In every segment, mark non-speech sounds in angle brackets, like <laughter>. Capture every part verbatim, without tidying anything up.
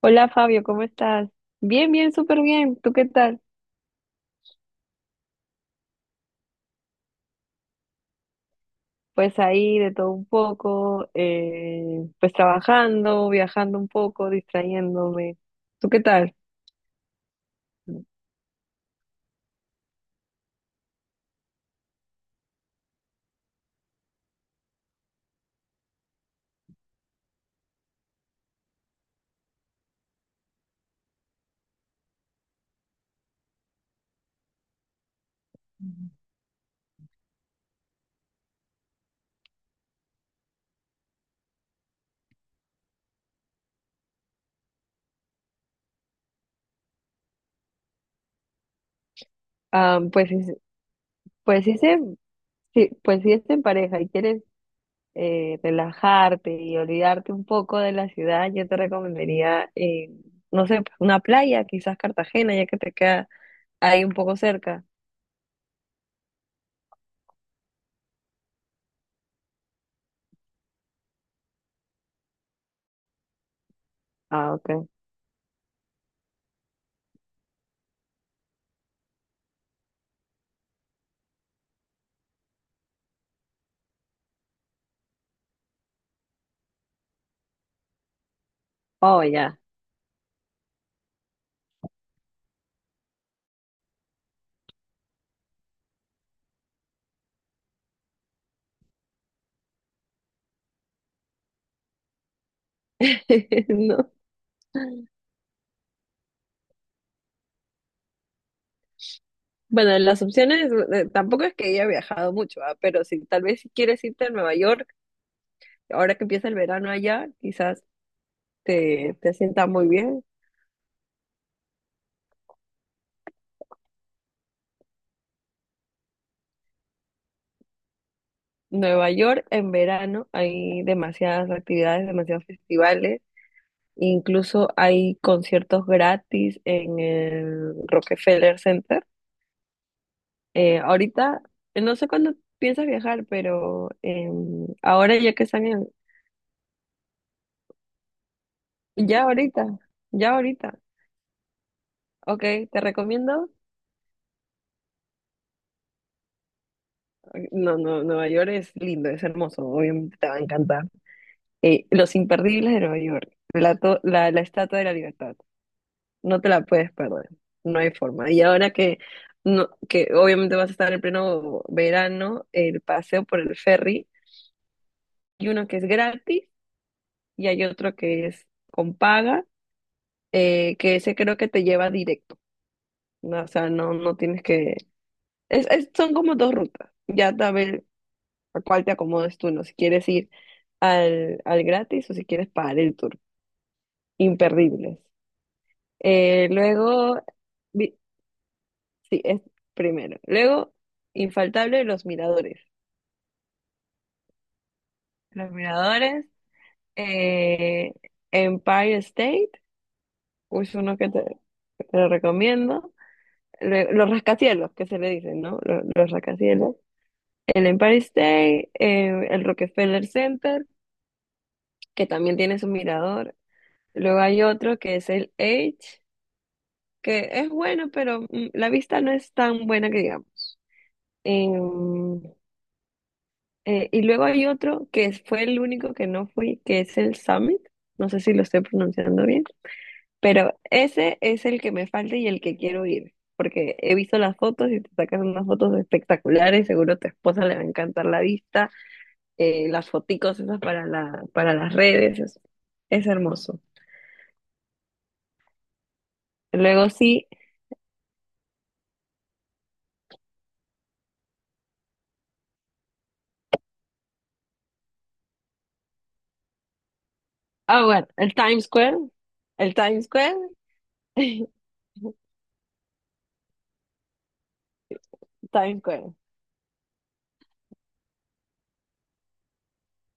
Hola Fabio, ¿cómo estás? Bien, bien, súper bien. ¿Tú qué tal? Pues ahí de todo un poco, eh, pues trabajando, viajando un poco, distrayéndome. ¿Tú qué tal? Ah, pues, es- pues, sí se- sí, pues sí es en pareja y quieres, eh, relajarte y olvidarte un poco de la ciudad, yo te recomendaría, eh, no sé, pues, una playa, quizás Cartagena, ya que te queda ahí un poco cerca. Ah, ok. Oh, ya. <laughs> No. Bueno, las opciones, eh, tampoco es que haya viajado mucho, ah, pero si tal vez si quieres irte a Nueva York, ahora que empieza el verano allá, quizás te, te sienta muy bien. Nueva York en verano hay demasiadas actividades, demasiados festivales. Incluso hay conciertos gratis en el Rockefeller Center. Eh, ahorita, no sé cuándo piensas viajar, pero em, ahora ya que están en... Ya ahorita, ya ahorita. Ok, te recomiendo. No, no, Nueva York es lindo, es hermoso, obviamente te va a encantar. Eh, Los imperdibles de Nueva York, la, to- la, la Estatua de la Libertad. No te la puedes perder, no hay forma. Y ahora que, no, que obviamente vas a estar en pleno verano, el paseo por el ferry, hay uno que es gratis y hay otro que es con paga, eh, que ese creo que te lleva directo, ¿no? O sea, no, no tienes que... Es, es- son como dos rutas, ya a ver a cuál te acomodes tú, ¿no? Si quieres ir al, al gratis o si quieres pagar el tour, imperdibles. Eh, luego... vi- sí, es primero. Luego, infaltable, los miradores. Los miradores, eh, Empire State, es uno que te, que te lo recomiendo. Lue- los rascacielos, que se le dicen, ¿no? Lo- Los, rascacielos. El Empire State, eh, el Rockefeller Center, que también tiene su mirador. Luego hay otro que es el Edge, que es bueno, pero mm, la vista no es tan buena que digamos. Eh, y luego hay otro que es- fue el único que no fui, que es el Summit. No sé si lo estoy pronunciando bien, pero ese es el que me falta y el que quiero ir, porque he visto las fotos y te sacas unas fotos espectaculares. Seguro a tu esposa le va a encantar la vista, eh, las foticos esas para la, para las redes. Es, es hermoso. Luego sí, ah, bueno, el Times Square, el Times Square, <laughs> Times Square.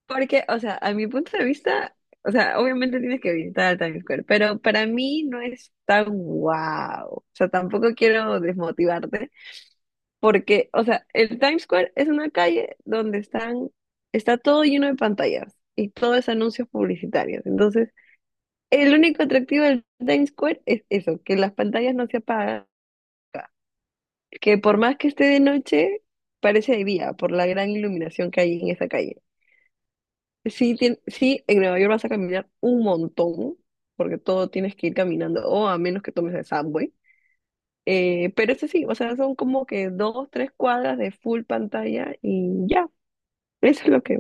Porque, o sea, a mi punto de vista, o sea, obviamente tienes que visitar Times Square, pero para mí no es tan guau. O sea, tampoco quiero desmotivarte, porque, o sea, el Times Square es una calle donde están, está todo lleno de pantallas y todo es anuncios publicitarios. Entonces, el único atractivo del Times Square es eso, que las pantallas no se apagan, que por más que esté de noche, parece de día, por la gran iluminación que hay en esa calle. Sí, tien- sí, en Nueva York vas a caminar un montón, porque todo tienes que ir caminando, o a menos que tomes el subway. Eh, pero eso sí, o sea, son como que dos, tres cuadras de full pantalla y ya, eso es lo que...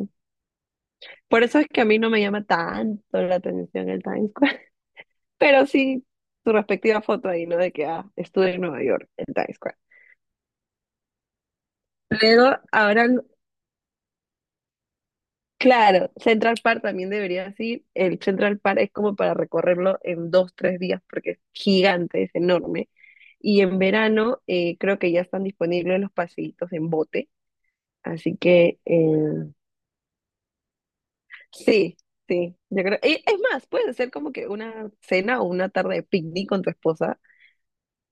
Por eso es que a mí no me llama tanto la atención el Times Square, <laughs> pero sí su respectiva foto ahí, ¿no? De que, ah, estuve en Nueva York, en Times Square. Luego, ahora claro, Central Park también debería ir. El Central Park es como para recorrerlo en dos, tres días porque es gigante, es enorme. Y en verano eh, creo que ya están disponibles los paseitos en bote. Así que eh, sí, sí, yo creo. Y es más, puedes hacer como que una cena o una tarde de picnic con tu esposa.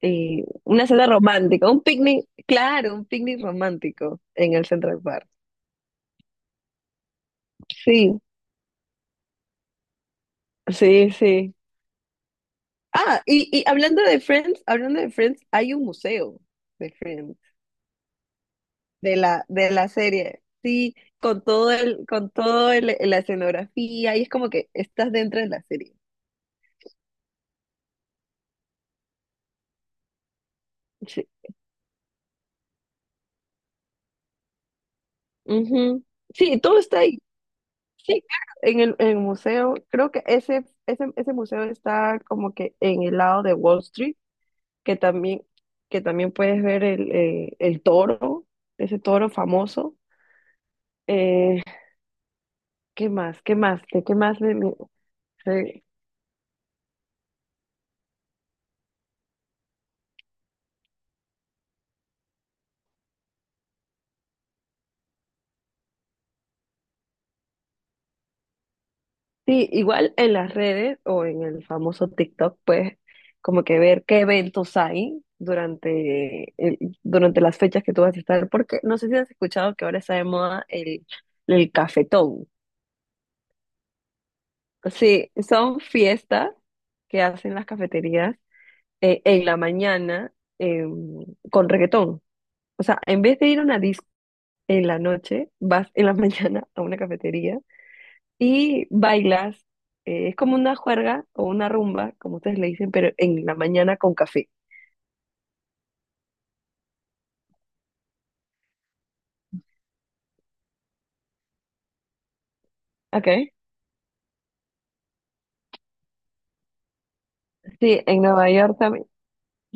eh, Una cena romántica, un picnic, claro, un picnic romántico en el Central Park. Sí, sí, sí. Ah, y, y hablando de Friends, hablando de Friends, hay un museo de Friends, de la, de la serie, sí, con todo el, con todo el, la escenografía, y es como que estás dentro de la serie. Sí, ujú. Sí, todo está ahí. Sí, claro, en el, en el museo, creo que ese, ese, ese museo está como que en el lado de Wall Street, que también, que también puedes ver el, eh, el toro, ese toro famoso. Eh, ¿qué más? ¿Qué más? ¿De qué más? Me- me- Sí. Sí, igual en las redes o en el famoso TikTok, pues como que ver qué eventos hay durante, el- durante las fechas que tú vas a estar, porque no sé si has escuchado que ahora está de moda el, el cafetón. Sí, son fiestas que hacen las cafeterías eh, en la mañana eh, con reggaetón. O sea, en vez de ir a una disco en la noche, vas en la <laughs> mañana a una cafetería y bailas, eh, es como una juerga o una rumba, como ustedes le dicen, pero en la mañana con café. Okay. Sí, en Nueva York también.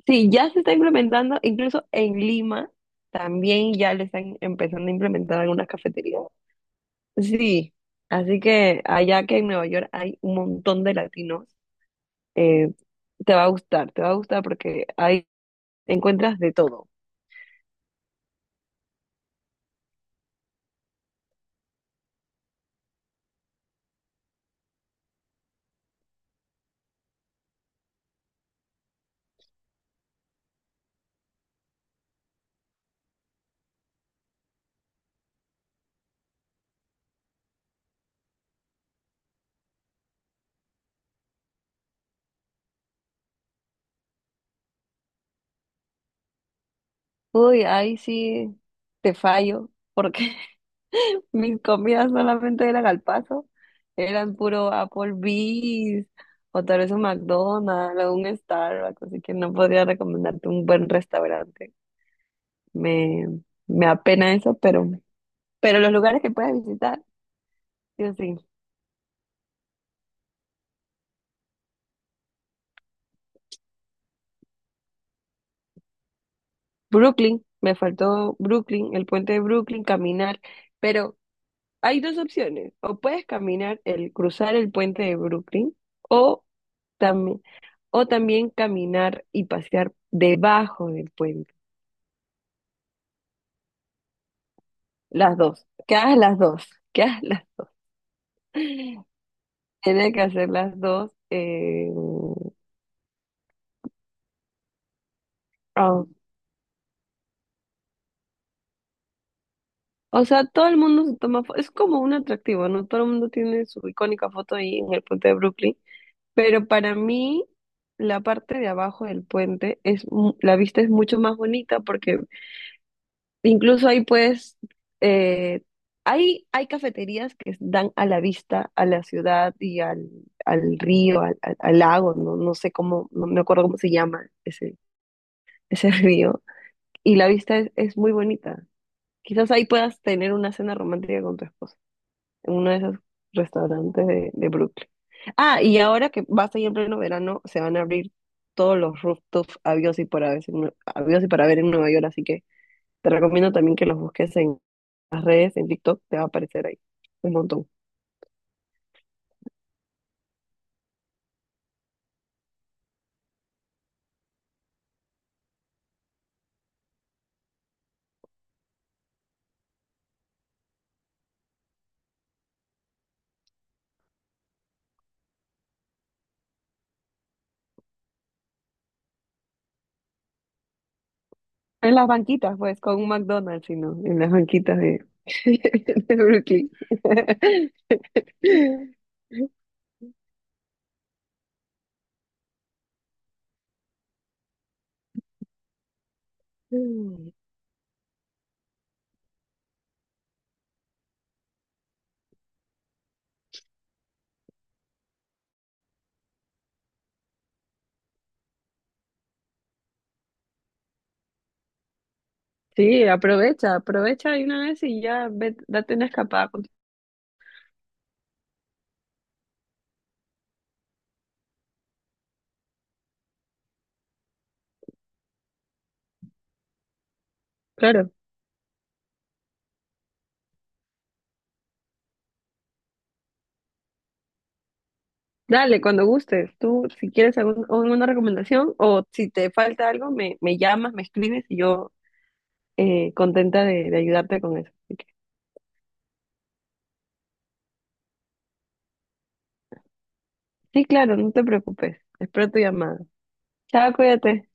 Sí, ya se está implementando, incluso en Lima también ya le están empezando a implementar algunas cafeterías. Sí, así que allá que en Nueva York hay un montón de latinos, eh, te va a gustar, te va a gustar porque ahí encuentras de todo. Uy, ahí sí te fallo porque mis comidas solamente eran al paso, eran puro Applebee's o tal vez un McDonald's o un Starbucks, así que no podría recomendarte un buen restaurante. Me, me apena eso, pero, pero los lugares que puedes visitar, yo sí. Brooklyn, me faltó Brooklyn, el puente de Brooklyn, caminar, pero hay dos opciones, o puedes caminar, el cruzar el puente de Brooklyn, o también, o también caminar y pasear debajo del puente. Las dos. Que hagas las dos. Que hagas las... Tiene que hacer las dos. Eh, ah, o sea, todo el mundo se toma foto. Es como un atractivo, ¿no? Todo el mundo tiene su icónica foto ahí en el puente de Brooklyn. Pero para mí, la parte de abajo del puente es mu- la vista es mucho más bonita porque incluso ahí puedes eh, hay, hay cafeterías que dan a la vista a la ciudad y al, al río, al, al- al lago, no, no sé cómo, no me acuerdo cómo se llama ese ese <laughs> río. Y la vista es, es muy bonita. Quizás ahí puedas tener una cena romántica con tu esposa, en uno de esos restaurantes de, de Brooklyn. Ah, y ahora que vas a en pleno verano, se van a abrir todos los rooftops habidos y por haber en Nue- habidos y para ver en Nueva York, así que te recomiendo también que los busques en las redes, en TikTok, te va a aparecer ahí un montón. En las banquitas, pues, con un McDonald's, sino en las banquitas de, <laughs> de Brooklyn. <laughs> Mm, sí, aprovecha, aprovecha de una vez y ya ve, date una escapada. Con- Claro, dale, cuando gustes. Tú, si quieres algún- alguna recomendación o si te falta algo, me, me llamas, me escribes y yo eh, contenta de, de ayudarte con eso. Así que, sí, claro, no te preocupes. Espero tu llamada. Chao, cuídate.